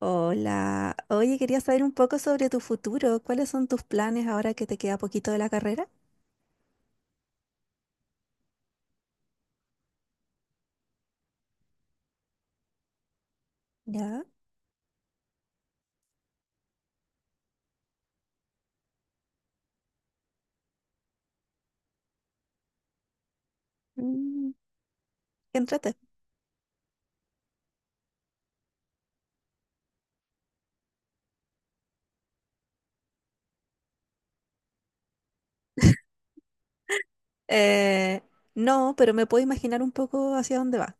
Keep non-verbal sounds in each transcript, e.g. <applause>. Hola, oye, quería saber un poco sobre tu futuro. ¿Cuáles son tus planes ahora que te queda poquito de la carrera? Ya. Mm. Qué entrete. Eh, no, pero me puedo imaginar un poco hacia dónde va.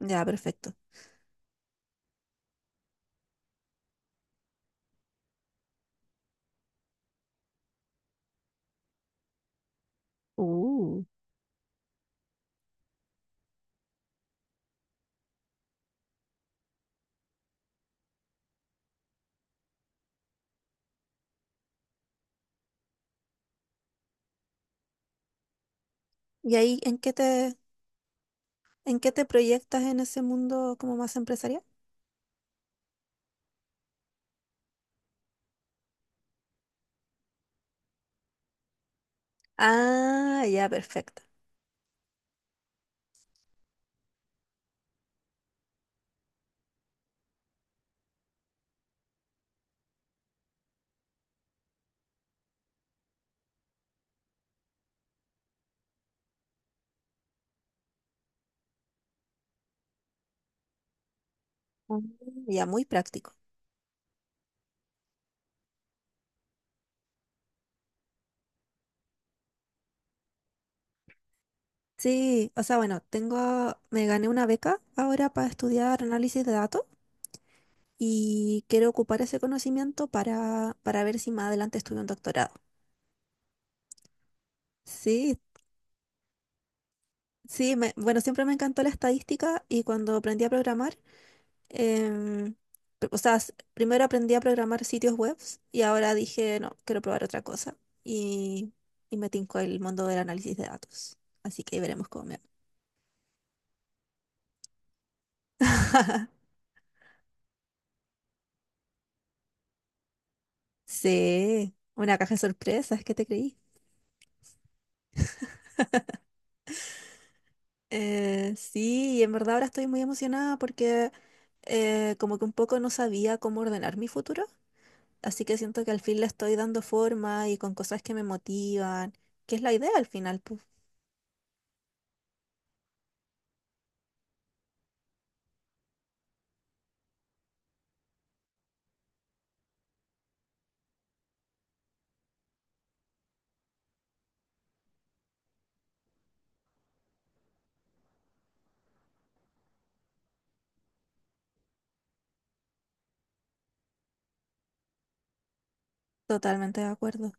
Ya, perfecto. Uh. ¿Y ahí en qué te proyectas en ese mundo como más empresarial? Ah, ya, perfecto. Ah, ya, muy práctico. Sí, o sea, bueno, me gané una beca ahora para estudiar análisis de datos. Y quiero ocupar ese conocimiento para ver si más adelante estudio un doctorado. Sí, sí, bueno, siempre me encantó la estadística y cuando aprendí a programar, em, o sea, primero aprendí a programar sitios web y ahora dije, no, quiero probar otra cosa y, y me tincó el mundo del análisis de datos. Así que ahí veremos cómo me va. <laughs> Sí, una caja de sorpresas, ¿qué te creí? Sí, y en verdad ahora estoy muy emocionada porque como que un poco no sabía cómo ordenar mi futuro, así que siento que al fin le estoy dando forma y con cosas que me motivan, que es la idea al final, pues, totalmente de acuerdo.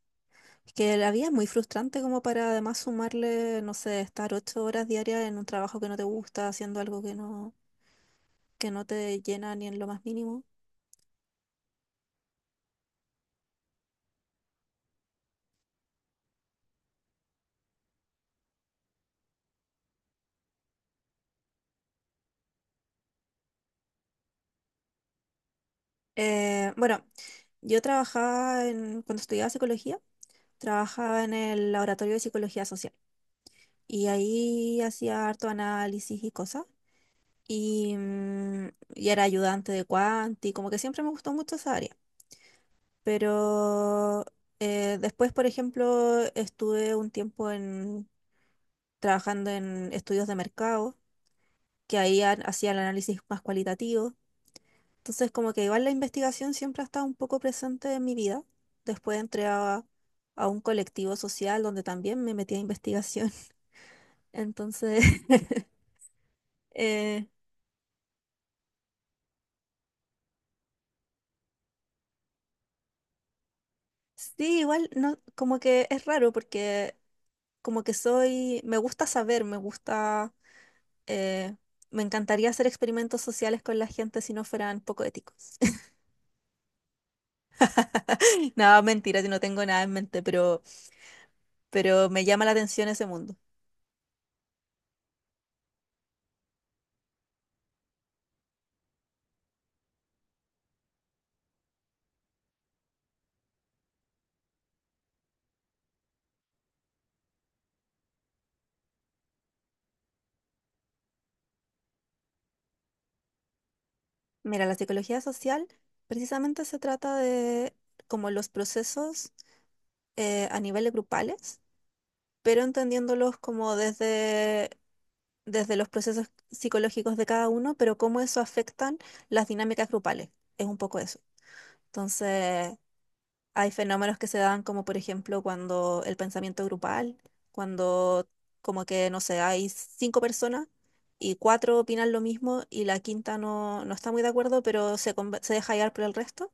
Es que la vida es muy frustrante como para además sumarle, no sé, estar 8 horas diarias en un trabajo que no te gusta, haciendo algo que no te llena ni en lo más mínimo. Bueno, yo cuando estudiaba psicología, trabajaba en el laboratorio de psicología social. Y ahí hacía harto análisis y cosas. Y, mm, y era ayudante de cuanti, como que siempre me gustó mucho esa área. Pero después, por ejemplo, estuve un tiempo trabajando en estudios de mercado, que ahí hacía el análisis más cualitativo. Entonces, como que igual la investigación siempre ha estado un poco presente en mi vida. Después entré a, un colectivo social donde también me metí a investigación. <laughs> Entonces, <laughs> eh, sí, igual no, como que es raro porque como que soy, me gusta saber, me gusta, eh, me encantaría hacer experimentos sociales con la gente si no fueran poco éticos. <laughs> No, mentira, yo no tengo nada en mente, pero me llama la atención ese mundo. Mira, la psicología social precisamente se trata de como los procesos a niveles grupales, pero entendiéndolos como desde los procesos psicológicos de cada uno, pero cómo eso afectan las dinámicas grupales. Es un poco eso. Entonces, hay fenómenos que se dan como por ejemplo cuando el pensamiento grupal, cuando como que, no sé, hay cinco personas y cuatro opinan lo mismo y la quinta no, no está muy de acuerdo, pero se, se deja llevar por el resto.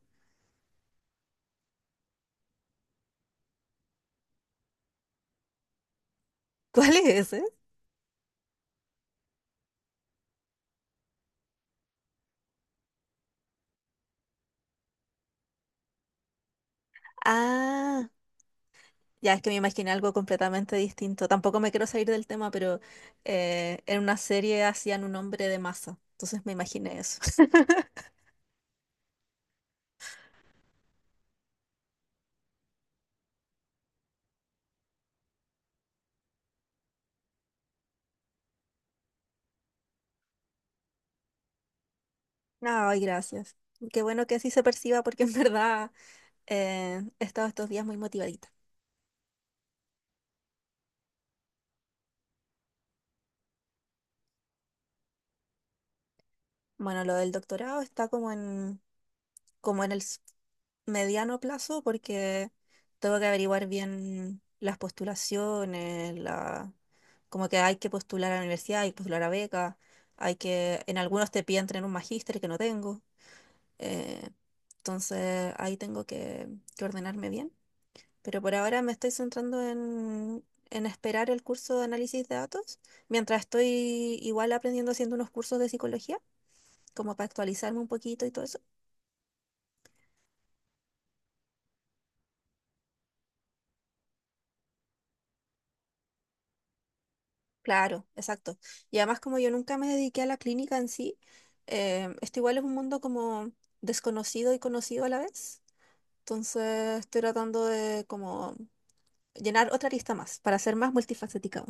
<laughs> ¿Cuál es ese? Ah, ya es que me imaginé algo completamente distinto. Tampoco me quiero salir del tema, pero en una serie hacían un hombre de masa. Entonces me imaginé eso. <laughs> Ay, gracias. Qué bueno que así se perciba porque en <laughs> verdad he estado estos días muy motivadita. Bueno, lo del doctorado está como en el mediano plazo porque tengo que averiguar bien las postulaciones, como que hay que postular a la universidad, hay que postular a becas, hay que, en algunos te piden tener un magíster que no tengo. Eh, entonces ahí tengo que ordenarme bien. Pero por ahora me estoy centrando en, esperar el curso de análisis de datos, mientras estoy igual aprendiendo haciendo unos cursos de psicología, como para actualizarme un poquito y todo eso. Claro, exacto. Y además como yo nunca me dediqué a la clínica en sí, esto igual es un mundo como desconocido y conocido a la vez. Entonces estoy tratando de como llenar otra lista más para ser más multifacética.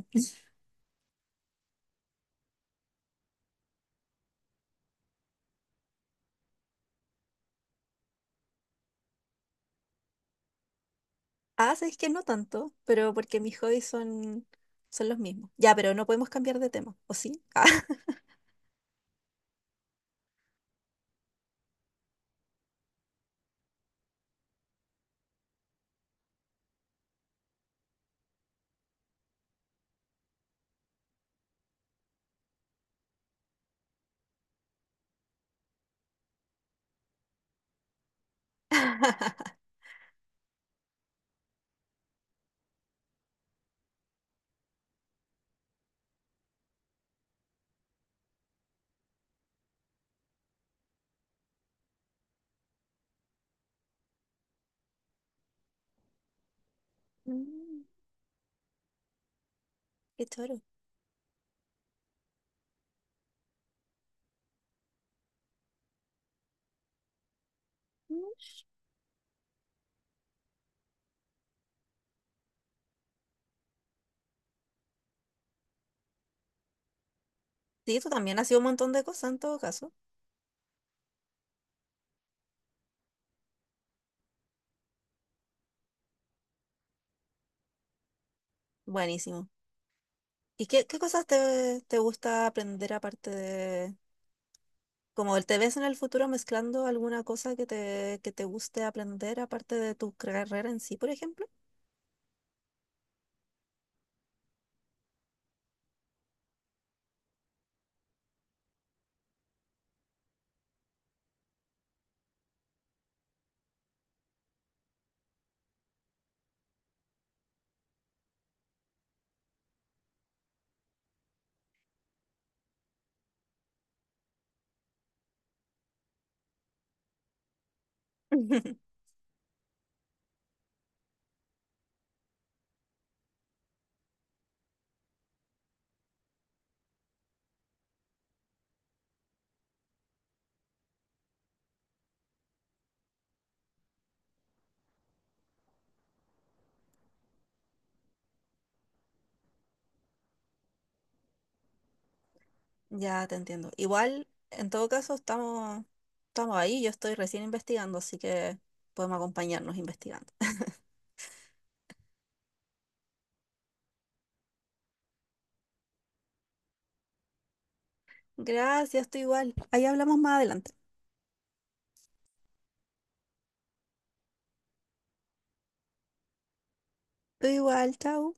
Ah, sabéis que no tanto, pero porque mis hobbies son, son los mismos. Ya, pero no podemos cambiar de tema, ¿o sí? Ah, <laughs> Mm, qué choro. Mm. Sí, tú también has sido un montón de cosas en todo caso. Buenísimo. ¿Y qué cosas te gusta aprender aparte de... Como el te ves en el futuro mezclando alguna cosa que te guste aprender aparte de tu carrera en sí, por ejemplo? <laughs> Ya te entiendo. Igual, en todo caso, estamos, estamos ahí. Yo estoy recién investigando, así que podemos acompañarnos investigando. Gracias, tú igual. Ahí hablamos más adelante. Tú igual, chao.